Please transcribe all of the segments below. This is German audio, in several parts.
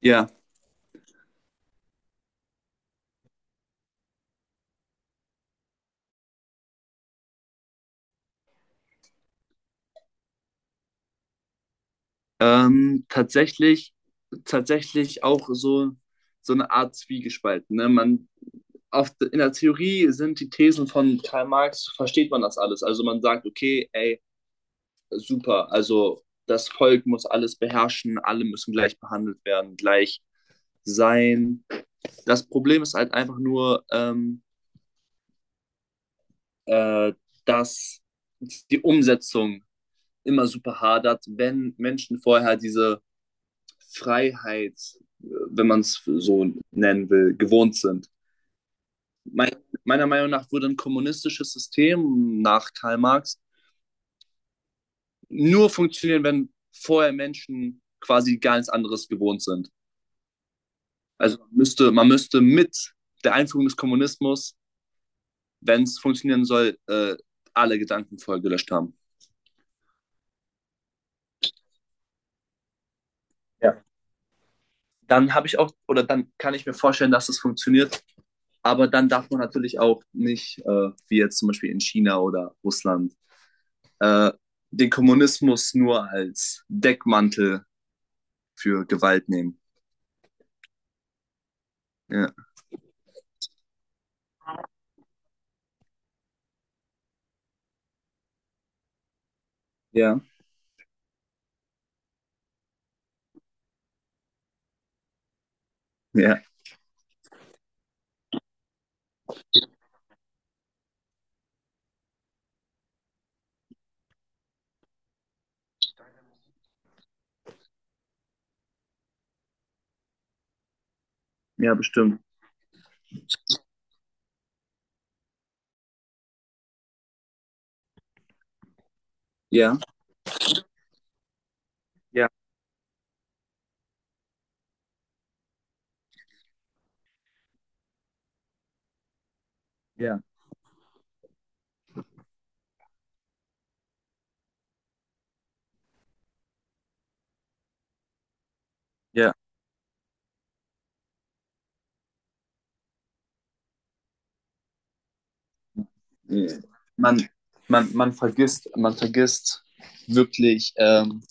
Ja, ähm, tatsächlich, tatsächlich auch so, so eine Art Zwiegespalt. Ne? Oft in der Theorie sind die Thesen von Karl Marx, versteht man das alles. Also man sagt, okay, ey, super, also das Volk muss alles beherrschen, alle müssen gleich behandelt werden, gleich sein. Das Problem ist halt einfach nur, äh, dass die Umsetzung immer super hadert, wenn Menschen vorher diese Freiheit, wenn man es so nennen will, gewohnt sind. Mein, Meiner Meinung nach würde ein kommunistisches System nach Karl Marx nur funktionieren, wenn vorher Menschen quasi gar nichts anderes gewohnt sind. Also man müsste mit der Einführung des Kommunismus, wenn es funktionieren soll, alle Gedanken vorher gelöscht haben. Ja. Dann habe ich auch, oder dann kann ich mir vorstellen, dass es funktioniert, aber dann darf man natürlich auch nicht, wie jetzt zum Beispiel in China oder Russland, äh, den Kommunismus nur als Deckmantel für Gewalt nehmen. Ja, ja, ja, ja bestimmt. Ja, ja, ja, ja. Man, man vergisst wirklich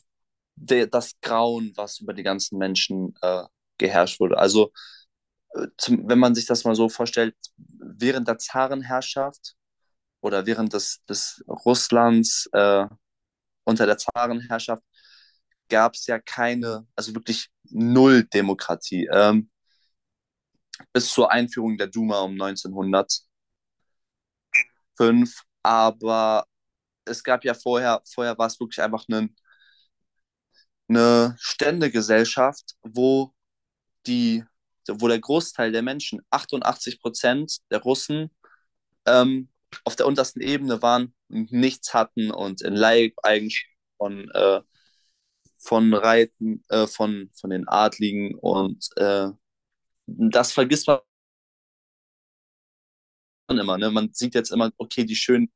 das Grauen, was über die ganzen Menschen geherrscht wurde. Also wenn man sich das mal so vorstellt, während der Zarenherrschaft oder während des Russlands unter der Zarenherrschaft gab es ja keine, also wirklich null Demokratie, bis zur Einführung der Duma um 1905. Aber es gab ja vorher, war es wirklich einfach eine Ständegesellschaft, wo die, wo der Großteil der Menschen, 88% der Russen, ähm, auf der untersten Ebene waren, nichts hatten und in Leibeigenschaften von Reiten, von den Adligen und das vergisst man immer. Ne? Man sieht jetzt immer, okay, die schönen,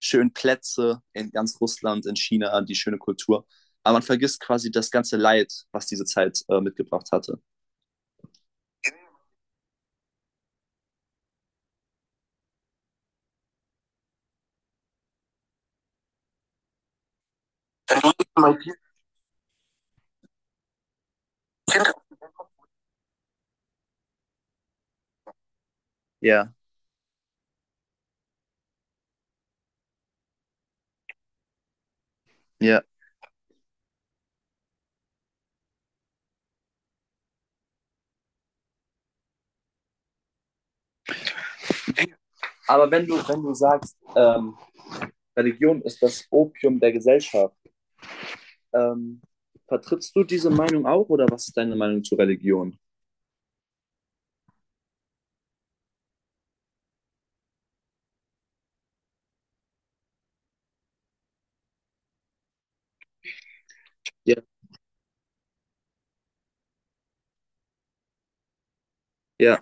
schönen Plätze in ganz Russland, in China, die schöne Kultur. Aber man vergisst quasi das ganze Leid, was diese Zeit mitgebracht hatte. Ja, ja. Aber wenn du sagst, Religion ist das Opium der Gesellschaft, ähm, vertrittst du diese Meinung auch oder was ist deine Meinung zu Religion? Ja, ja,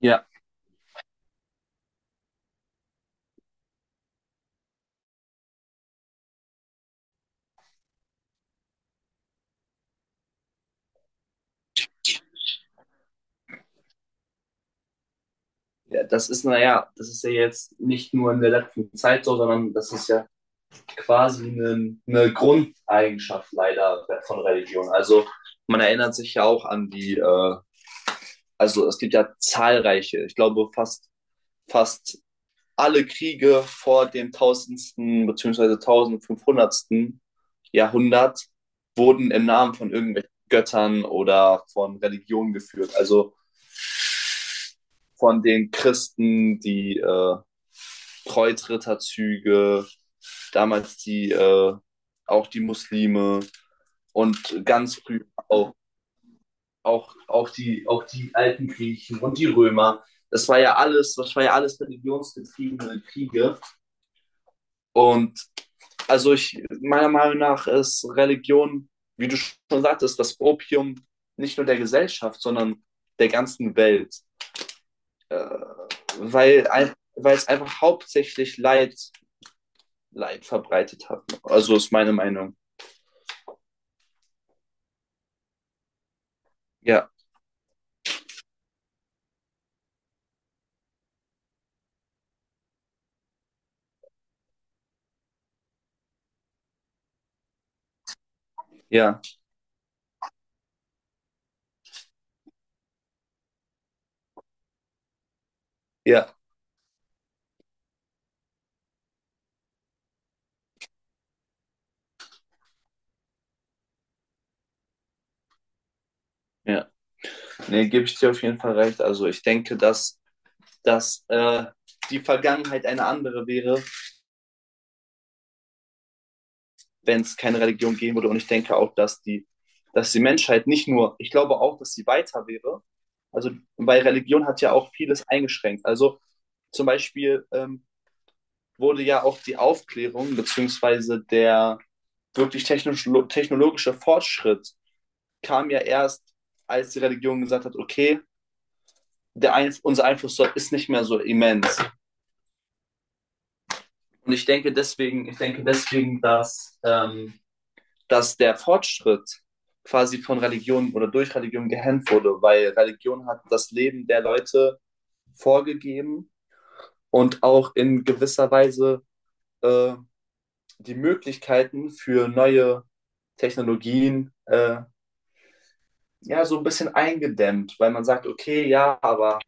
ja. Ja, das ist, naja, das ist ja jetzt nicht nur in der letzten Zeit so, sondern das ist ja quasi eine Grundeigenschaft leider von Religion. Also man erinnert sich ja auch an also es gibt ja zahlreiche, ich glaube fast alle Kriege vor dem tausendsten bzw. 1500. Jahrhundert wurden im Namen von irgendwelchen Göttern oder von Religionen geführt. Also von den Christen, die Kreuzritterzüge, damals die auch die Muslime. Und ganz früh auch die alten Griechen und die Römer. Das war ja alles, das war ja alles religionsgetriebene Kriege. Und meiner Meinung nach ist Religion, wie du schon sagtest, das Opium nicht nur der Gesellschaft, sondern der ganzen Welt. Äh, weil es einfach hauptsächlich Leid verbreitet hat. Also ist meine Meinung. Ja, ja, ja, ja. Nee, gebe ich dir auf jeden Fall recht. Also ich denke, dass die Vergangenheit eine andere wäre, wenn es keine Religion geben würde. Und ich denke auch, dass die Menschheit nicht nur, ich glaube auch, dass sie weiter wäre. Also, weil Religion hat ja auch vieles eingeschränkt. Also zum Beispiel wurde ja auch die Aufklärung beziehungsweise der wirklich technologische Fortschritt kam ja erst, als die Religion gesagt hat, okay, der Einf unser Einfluss ist nicht mehr so immens. Und ich denke deswegen, dass dass der Fortschritt quasi von Religion oder durch Religion gehemmt wurde, weil Religion hat das Leben der Leute vorgegeben und auch in gewisser Weise äh, die Möglichkeiten für neue Technologien ja so ein bisschen eingedämmt, weil man sagt, okay, ja, aber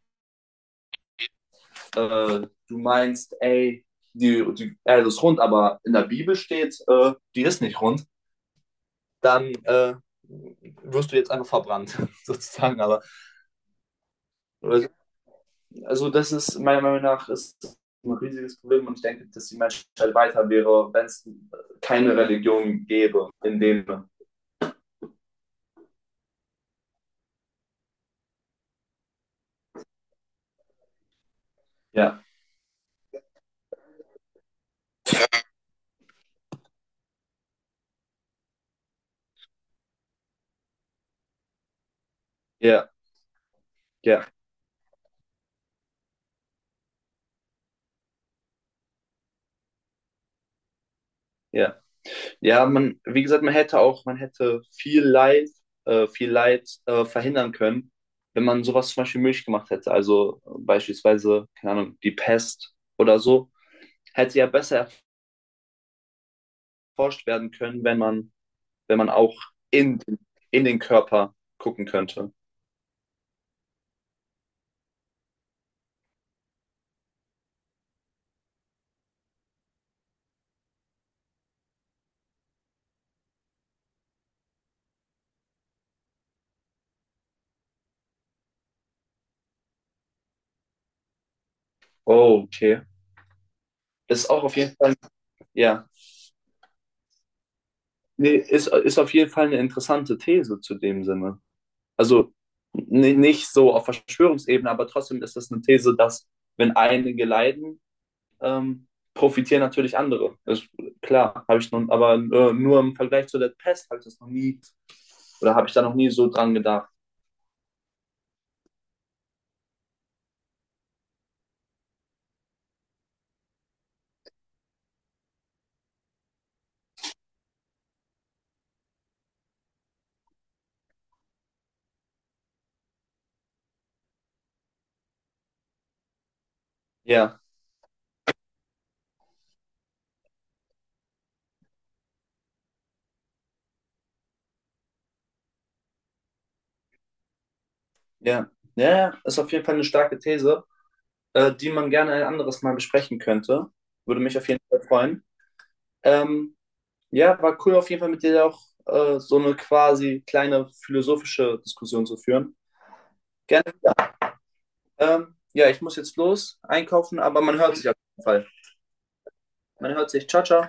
du meinst, ey, die Erde ist rund, aber in der Bibel steht, die ist nicht rund, dann wirst du jetzt einfach verbrannt, sozusagen. Aber äh, also das ist meiner Meinung nach ist ein riesiges Problem und ich denke, dass die Menschheit weiter wäre, wenn es keine Religion gäbe in dem. Ja, ja, ja, ja. Ja, man, wie gesagt, man hätte viel Leid, viel Leid verhindern können, wenn man sowas zum Beispiel möglich gemacht hätte. Also beispielsweise, keine Ahnung, die Pest oder so, hätte ja besser erforscht werden können, wenn man auch in, in den Körper gucken könnte. Oh, okay. Ist auch auf jeden Fall, ja. Nee, ist auf jeden Fall eine interessante These zu dem Sinne. Also nicht so auf Verschwörungsebene, aber trotzdem ist das eine These, dass wenn einige leiden, ähm, profitieren natürlich andere. Ist klar, habe ich nun, aber nur im Vergleich zu der Pest habe ich das noch nie oder habe ich da noch nie so dran gedacht. Ja, ja, ja, ja, ist auf jeden Fall eine starke These, die man gerne ein anderes Mal besprechen könnte. Würde mich auf jeden Fall freuen. Ähm, Ja, war cool auf jeden Fall mit dir auch so eine quasi kleine philosophische Diskussion zu führen. Gerne. Ja, ich muss jetzt los einkaufen, aber man hört sich auf jeden Fall. Man hört sich. Ciao, ciao.